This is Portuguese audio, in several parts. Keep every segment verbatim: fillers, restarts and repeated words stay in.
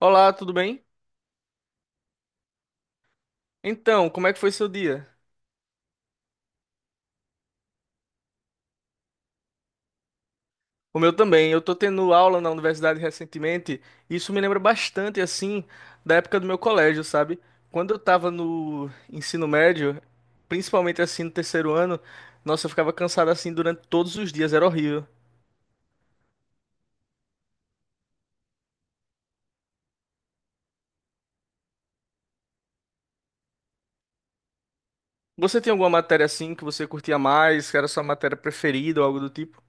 Olá, tudo bem? Então, como é que foi seu dia? O meu também. Eu tô tendo aula na universidade recentemente e isso me lembra bastante, assim, da época do meu colégio, sabe? Quando eu tava no ensino médio, principalmente assim no terceiro ano, nossa, eu ficava cansado assim durante todos os dias, era horrível. Você tem alguma matéria assim que você curtia mais, que era sua matéria preferida ou algo do tipo?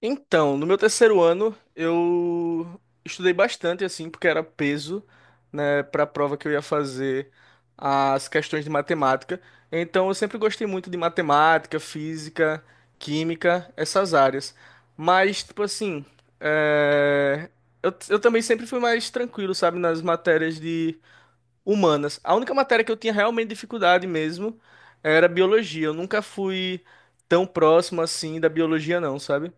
Então, no meu terceiro ano, eu estudei bastante, assim, porque era peso, né, para a prova que eu ia fazer as questões de matemática. Então, eu sempre gostei muito de matemática, física, química, essas áreas. Mas, tipo assim, é, eu, eu também sempre fui mais tranquilo, sabe, nas matérias de humanas. A única matéria que eu tinha realmente dificuldade mesmo era biologia. Eu nunca fui tão próximo assim da biologia, não, sabe?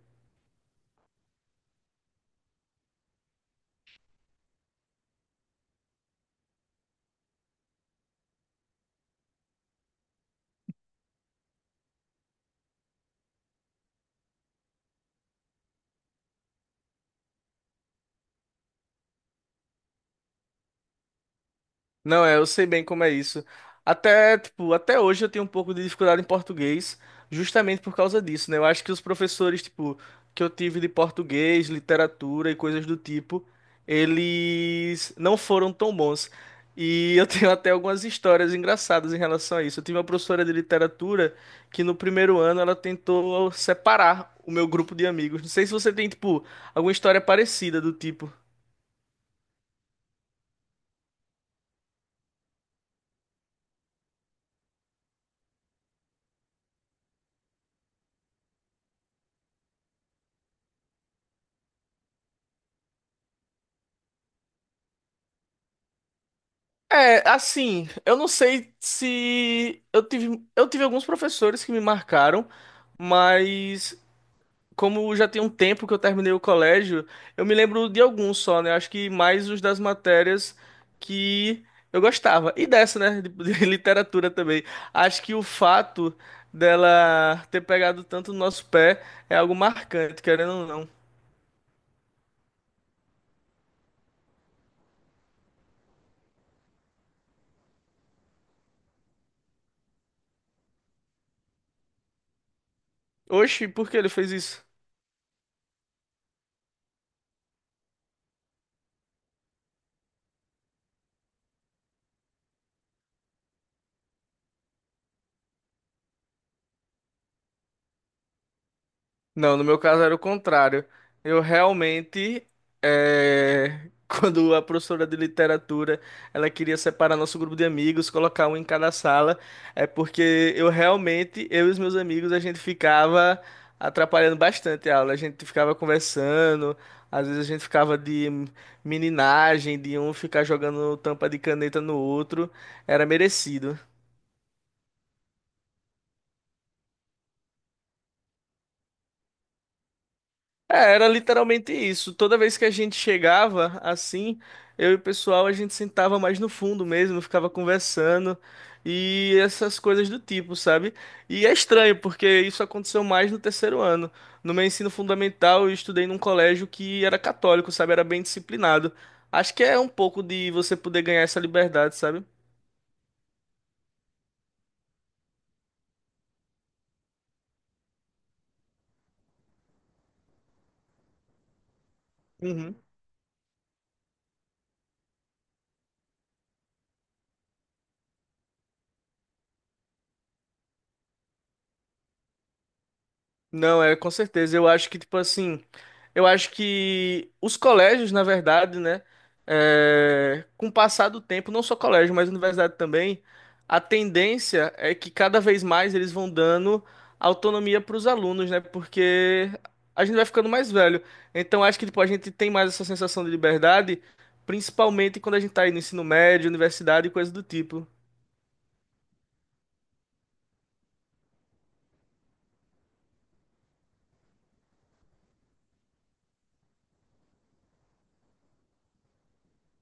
Não, é, eu sei bem como é isso. Até, tipo, até hoje eu tenho um pouco de dificuldade em português, justamente por causa disso, né? Eu acho que os professores, tipo, que eu tive de português, literatura e coisas do tipo, eles não foram tão bons. E eu tenho até algumas histórias engraçadas em relação a isso. Eu tive uma professora de literatura que no primeiro ano ela tentou separar o meu grupo de amigos. Não sei se você tem, tipo, alguma história parecida do tipo. É, assim, eu não sei se eu tive, eu tive alguns professores que me marcaram, mas como já tem um tempo que eu terminei o colégio, eu me lembro de alguns só, né? Acho que mais os das matérias que eu gostava. E dessa, né? De, de literatura também. Acho que o fato dela ter pegado tanto no nosso pé é algo marcante, querendo ou não. Oxi, por que ele fez isso? Não, no meu caso era o contrário. Eu realmente, eh, quando a professora de literatura, ela queria separar nosso grupo de amigos, colocar um em cada sala, é porque eu realmente, eu e os meus amigos, a gente ficava atrapalhando bastante a aula. A gente ficava conversando, às vezes a gente ficava de meninagem, de um ficar jogando tampa de caneta no outro. Era merecido. É, era literalmente isso. Toda vez que a gente chegava assim, eu e o pessoal a gente sentava mais no fundo mesmo, ficava conversando e essas coisas do tipo, sabe? E é estranho porque isso aconteceu mais no terceiro ano. No meu ensino fundamental, eu estudei num colégio que era católico, sabe? Era bem disciplinado. Acho que é um pouco de você poder ganhar essa liberdade, sabe? Uhum. Não, é com certeza. Eu acho que, tipo assim, eu acho que os colégios, na verdade, né, é, com o passar do tempo, não só colégio, mas universidade também, a tendência é que cada vez mais eles vão dando autonomia para os alunos, né, porque a gente vai ficando mais velho. Então, acho que, tipo, a gente tem mais essa sensação de liberdade, principalmente quando a gente tá aí no ensino médio, universidade e coisa do tipo.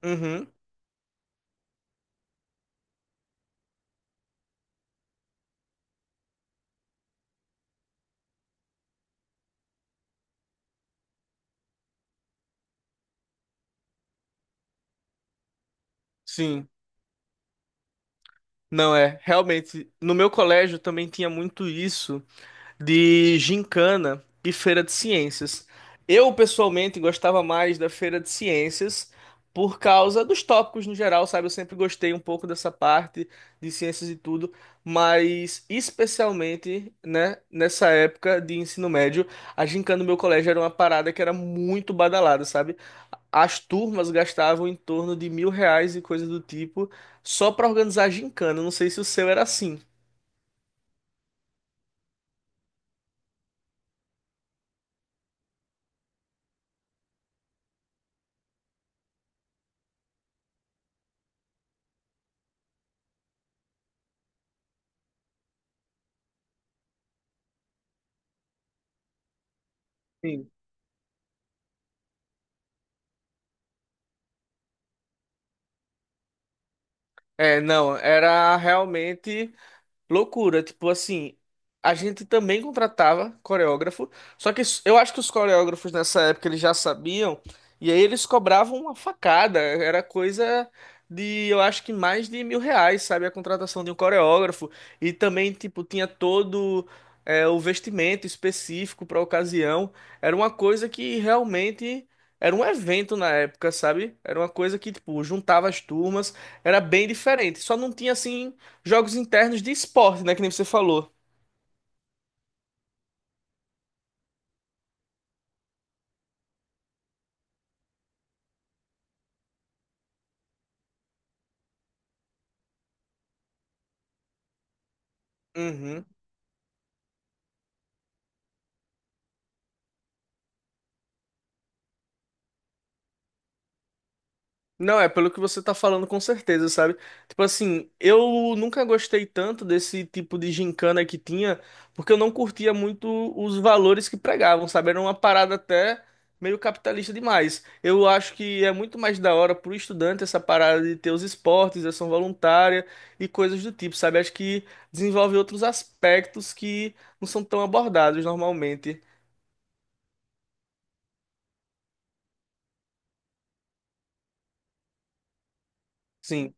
Uhum, sim. Não é, realmente, no meu colégio também tinha muito isso. De gincana e feira de ciências. Eu, pessoalmente, gostava mais da feira de ciências por causa dos tópicos no geral, sabe? Eu sempre gostei um pouco dessa parte de ciências e tudo, mas especialmente, né, nessa época de ensino médio, a gincana do meu colégio era uma parada que era muito badalada, sabe? As turmas gastavam em torno de mil reais e coisa do tipo só para organizar a gincana. Eu não sei se o seu era assim. É, não, era realmente. Loucura, tipo assim, a gente também contratava coreógrafo, só que s- eu acho que os coreógrafos nessa época eles já sabiam, e aí eles cobravam uma facada, era coisa de, eu acho que mais de mil reais, sabe, a contratação de um coreógrafo, e também, tipo, tinha todo é, o vestimento específico para ocasião, era uma coisa que realmente era um evento na época, sabe, era uma coisa que, tipo, juntava as turmas, era bem diferente, só não tinha assim. Jogos internos de esporte, né? Que nem você falou. Uhum. Não, é pelo que você tá falando com certeza, sabe? Tipo assim, eu nunca gostei tanto desse tipo de gincana que tinha, porque eu não curtia muito os valores que pregavam, sabe? Era uma parada até meio capitalista demais. Eu acho que é muito mais da hora pro estudante essa parada de ter os esportes, ação voluntária e coisas do tipo, sabe? Acho que desenvolve outros aspectos que não são tão abordados normalmente. Sim,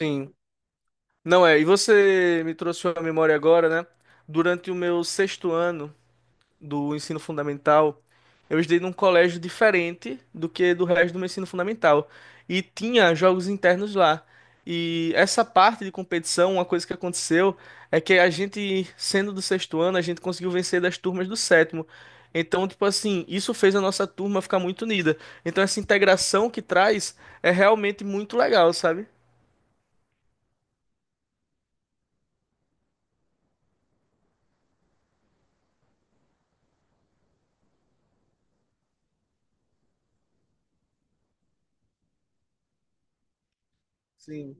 sim. Não é, e você me trouxe uma memória agora, né? Durante o meu sexto ano do ensino fundamental, eu estudei num colégio diferente do que do resto do meu ensino fundamental. E tinha jogos internos lá. E essa parte de competição, uma coisa que aconteceu é que a gente, sendo do sexto ano, a gente conseguiu vencer das turmas do sétimo. Então, tipo assim, isso fez a nossa turma ficar muito unida. Então, essa integração que traz é realmente muito legal, sabe? Sim.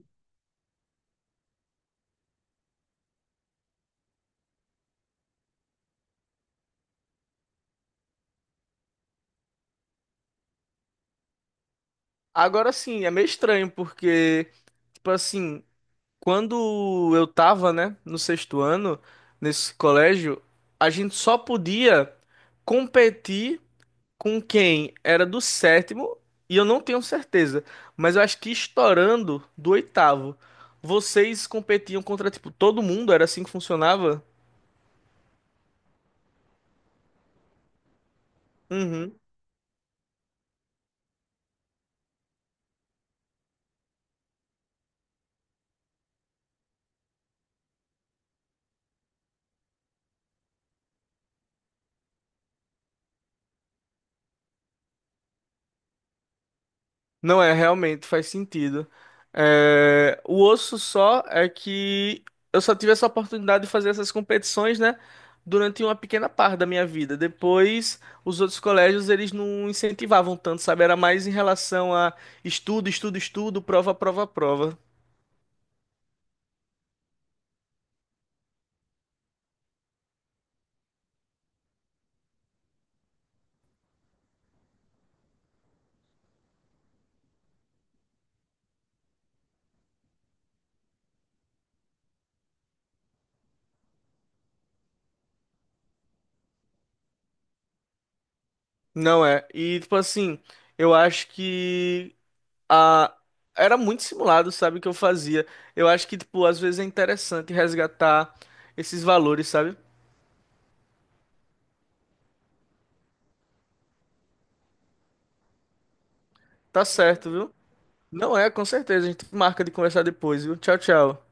Agora sim, é meio estranho, porque, tipo assim, quando eu tava, né, no sexto ano, nesse colégio, a gente só podia competir com quem era do sétimo, e eu não tenho certeza, mas eu acho que estourando do oitavo. Vocês competiam contra, tipo, todo mundo? Era assim que funcionava? Uhum. Não é, realmente faz sentido. É, o osso só é que eu só tive essa oportunidade de fazer essas competições, né? Durante uma pequena parte da minha vida. Depois, os outros colégios, eles não incentivavam tanto, sabe? Era mais em relação a estudo, estudo, estudo, prova, prova, prova. Não é. E, tipo assim, eu acho que a... era muito simulado, sabe, o que eu fazia. Eu acho que, tipo, às vezes é interessante resgatar esses valores, sabe? Tá certo, viu? Não é, com certeza. A gente marca de conversar depois, viu? Tchau, tchau.